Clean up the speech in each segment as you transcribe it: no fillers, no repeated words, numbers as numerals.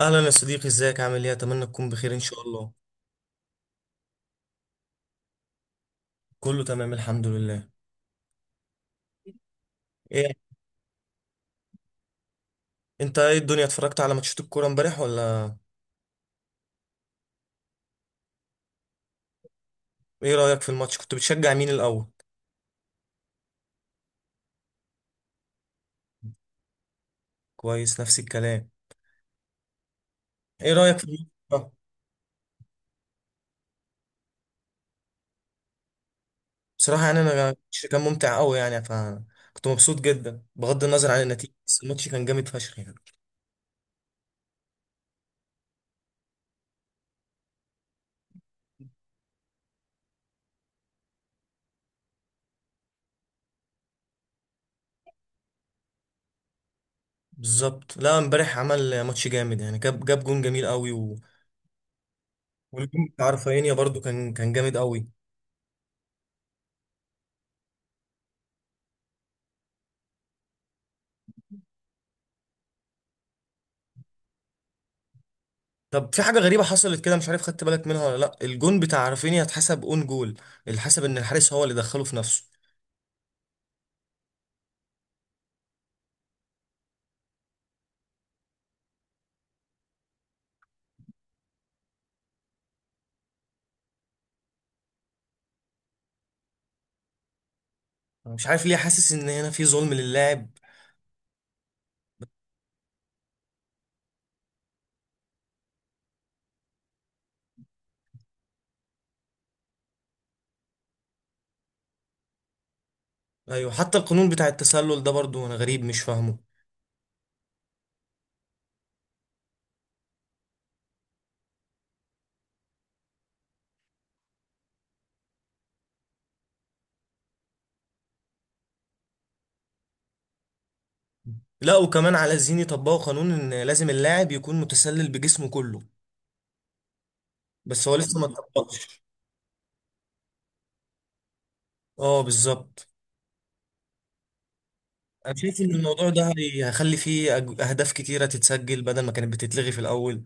اهلا يا صديقي، ازيك؟ عامل ايه؟ اتمنى تكون بخير ان شاء الله. كله تمام الحمد لله. ايه انت، ايه الدنيا؟ اتفرجت على ماتشات الكوره امبارح ولا ايه؟ رايك في الماتش؟ كنت بتشجع مين الاول؟ كويس، نفس الكلام. ايه رايك في الماتش ده؟ بصراحه يعني انا الماتش كان ممتع قوي يعني، فكنت مبسوط جدا بغض النظر عن النتيجه، بس الماتش كان جامد فشخ يعني. بالظبط، لا امبارح عمل ماتش جامد يعني، جاب جون جميل قوي و... والجون بتاع رافينيا برضو كان جامد قوي. طب في حاجة غريبة حصلت كده، مش عارف خدت بالك منها ولا لا، الجون بتاع رافينيا اتحسب اون جول، الحسب ان الحارس هو اللي دخله في نفسه. أنا مش عارف ليه حاسس ان هنا في ظلم للاعب. ايوه حتى القانون بتاع التسلل ده برضو انا غريب مش فاهمه. لا وكمان على الزين يطبقوا قانون ان لازم اللاعب يكون متسلل بجسمه كله، بس هو لسه ما اتطبقش. اه بالظبط. انا شايف ان الموضوع ده هيخلي فيه اهداف كتيرة تتسجل بدل ما كانت بتتلغي في الاول.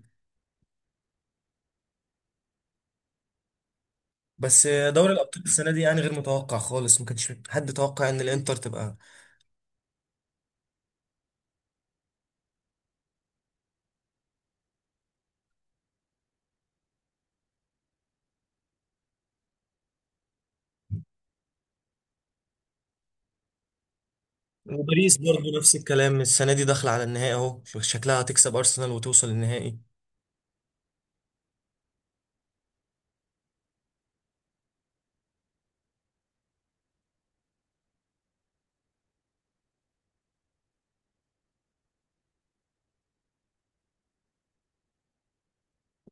بس دوري الابطال السنة دي يعني غير متوقع خالص، ما كانش حد توقع ان الانتر تبقى. وباريس برضه نفس الكلام، السنة دي داخلة على النهائي، اهو شكلها هتكسب أرسنال وتوصل النهائي.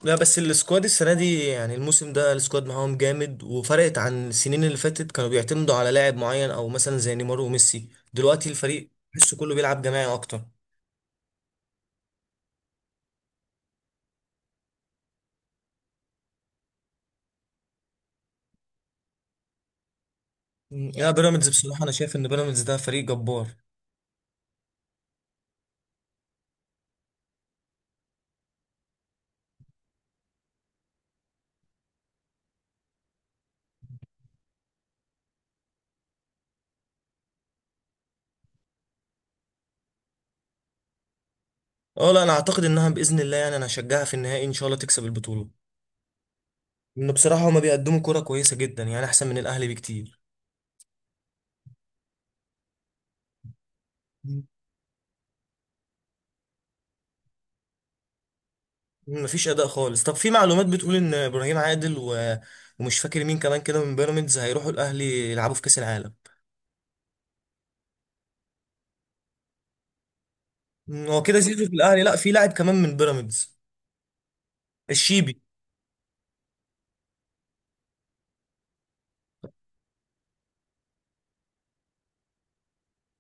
لا بس السكواد السنة دي يعني الموسم ده السكواد معاهم جامد، وفرقت عن السنين اللي فاتت كانوا بيعتمدوا على لاعب معين أو مثلا زي نيمار وميسي، دلوقتي الفريق تحسه كله بيلعب جماعي أكتر. لا بيراميدز بصراحة أنا شايف إن بيراميدز ده فريق جبار. أه لا أنا أعتقد إنها بإذن الله يعني، أنا هشجعها في النهائي إن شاء الله تكسب البطولة. إن بصراحة هما بيقدموا كرة كويسة جدا يعني أحسن من الأهلي بكتير. مفيش اداء خالص. طب في معلومات بتقول ان ابراهيم عادل و... ومش فاكر مين كمان كده من بيراميدز هيروحوا الاهلي يلعبوا في كاس العالم. مم، هو كده زيزو في الاهلي، لا في لاعب كمان من بيراميدز. الشيبي.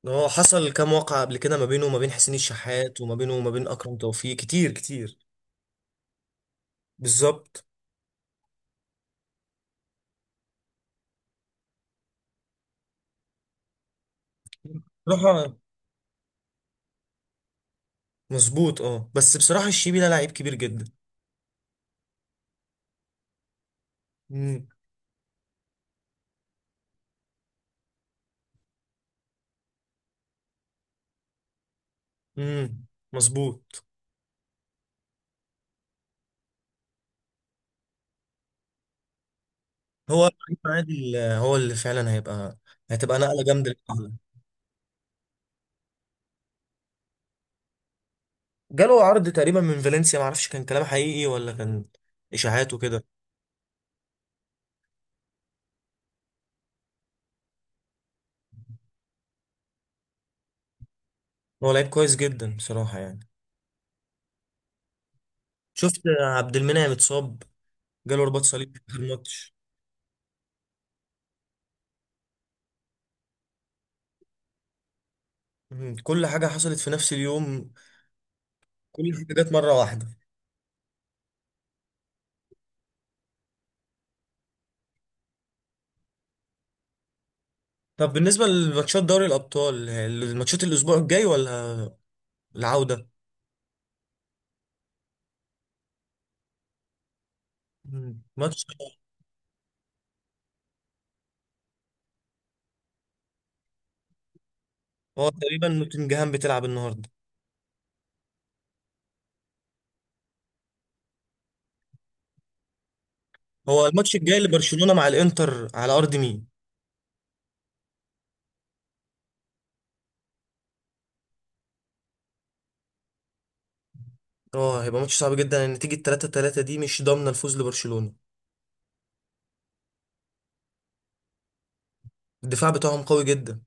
هو حصل كام واقعة قبل كده ما بينه وما بين حسين الشحات وما بينه وما بين اكرم توفيق، كتير كتير. بالظبط. بصراحة مظبوط، اه بس بصراحة الشيبي ده لعيب كبير جدا. امم. امم. مظبوط. هو ابراهيم عادل هو اللي فعلا هيبقى، هتبقى نقلة جامدة. جاله عرض تقريبا من فالنسيا، معرفش كان كلام حقيقي ولا كان اشاعات وكده. هو لعيب كويس جدا بصراحه يعني. شفت عبد المنعم اتصاب؟ جاله رباط صليبي في آخر الماتش. مم، كل حاجه حصلت في نفس اليوم، كل حاجه جت مره واحده. طب بالنسبه لماتشات دوري الابطال، الماتشات الاسبوع الجاي ولا العوده؟ مم، ماتش. هو تقريبا نوتنجهام بتلعب النهارده. هو الماتش الجاي لبرشلونه مع الانتر على ارض مين؟ اه هيبقى ماتش صعب جدا، النتيجه 3 3 دي مش ضامنه الفوز لبرشلونه. الدفاع بتاعهم قوي جدا.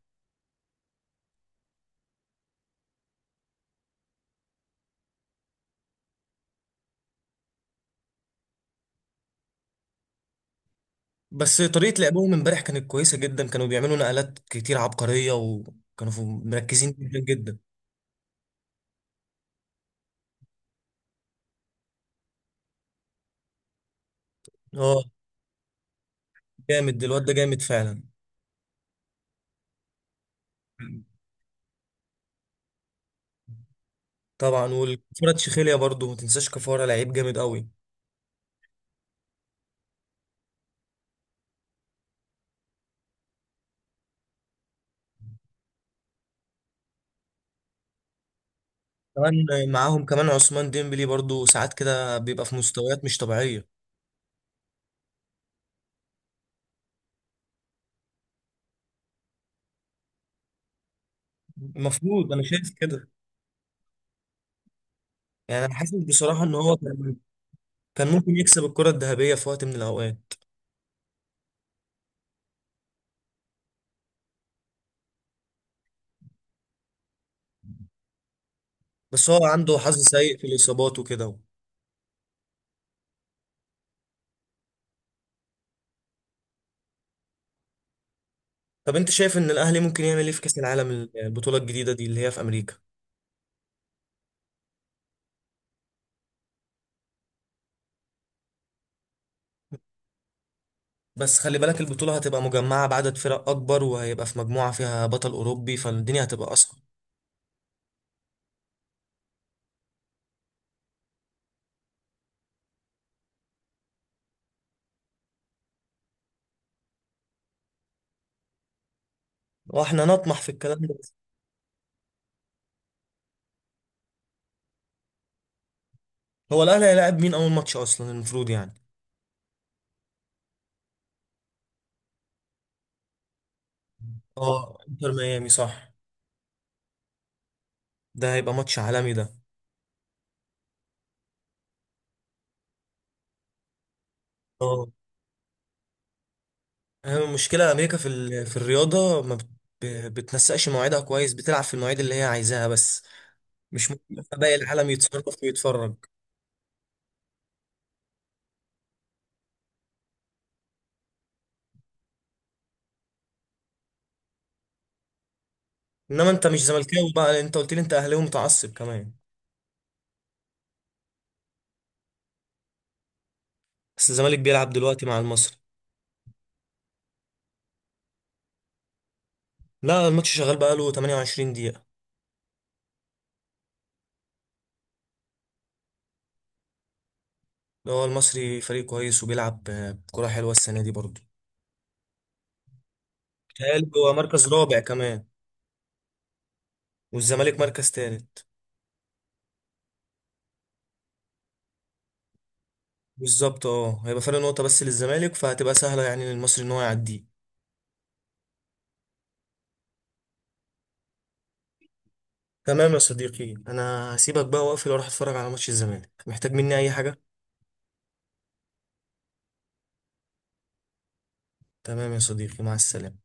بس طريقة لعبهم امبارح كانت كويسة جدا، كانوا بيعملوا نقلات كتير عبقرية، وكانوا مركزين جدا جدا. اه جامد الواد ده، جامد فعلا. طبعا، والكفارة تشيخيليا برضو ما تنساش، كفارة لعيب جامد قوي. كمان معاهم كمان عثمان ديمبلي، برضو ساعات كده بيبقى في مستويات مش طبيعية. المفروض، انا شايف كده. يعني انا حاسس بصراحة ان هو كان كان ممكن يكسب الكرة الذهبية في وقت من الاوقات. بس هو عنده حظ سيء في الاصابات وكده. طب انت شايف ان الاهلي ممكن يعمل ايه في كاس العالم، البطوله الجديده دي اللي هي في امريكا؟ بس خلي بالك البطوله هتبقى مجمعه بعدد فرق اكبر، وهيبقى في مجموعه فيها بطل اوروبي، فالدنيا هتبقى اصعب. واحنا نطمح في الكلام ده. هو الاهلي هيلاعب مين اول ماتش اصلا المفروض يعني؟ اه انتر ميامي، صح. ده هيبقى ماتش عالمي ده. اه هي المشكله امريكا في ال... في الرياضه ما بت... بتنسقش مواعيدها كويس، بتلعب في المواعيد اللي هي عايزاها بس، مش ممكن باقي العالم يتصرف ويتفرج. انما انت مش زملكاوي بقى، انت قلت لي انت اهلاوي متعصب كمان. بس الزمالك بيلعب دلوقتي مع المصري. لا الماتش شغال بقاله 28 دقيقة. هو المصري فريق كويس وبيلعب كرة حلوة السنة دي برضه. بيتهيألي هو مركز رابع كمان، والزمالك مركز تالت. بالظبط اه هيبقى فرق نقطة بس للزمالك، فهتبقى سهلة يعني للمصري ان هو يعديه. تمام يا صديقي، انا هسيبك بقى واقفل واروح اتفرج على ماتش الزمالك، محتاج مني اي حاجة؟ تمام يا صديقي، مع السلامة.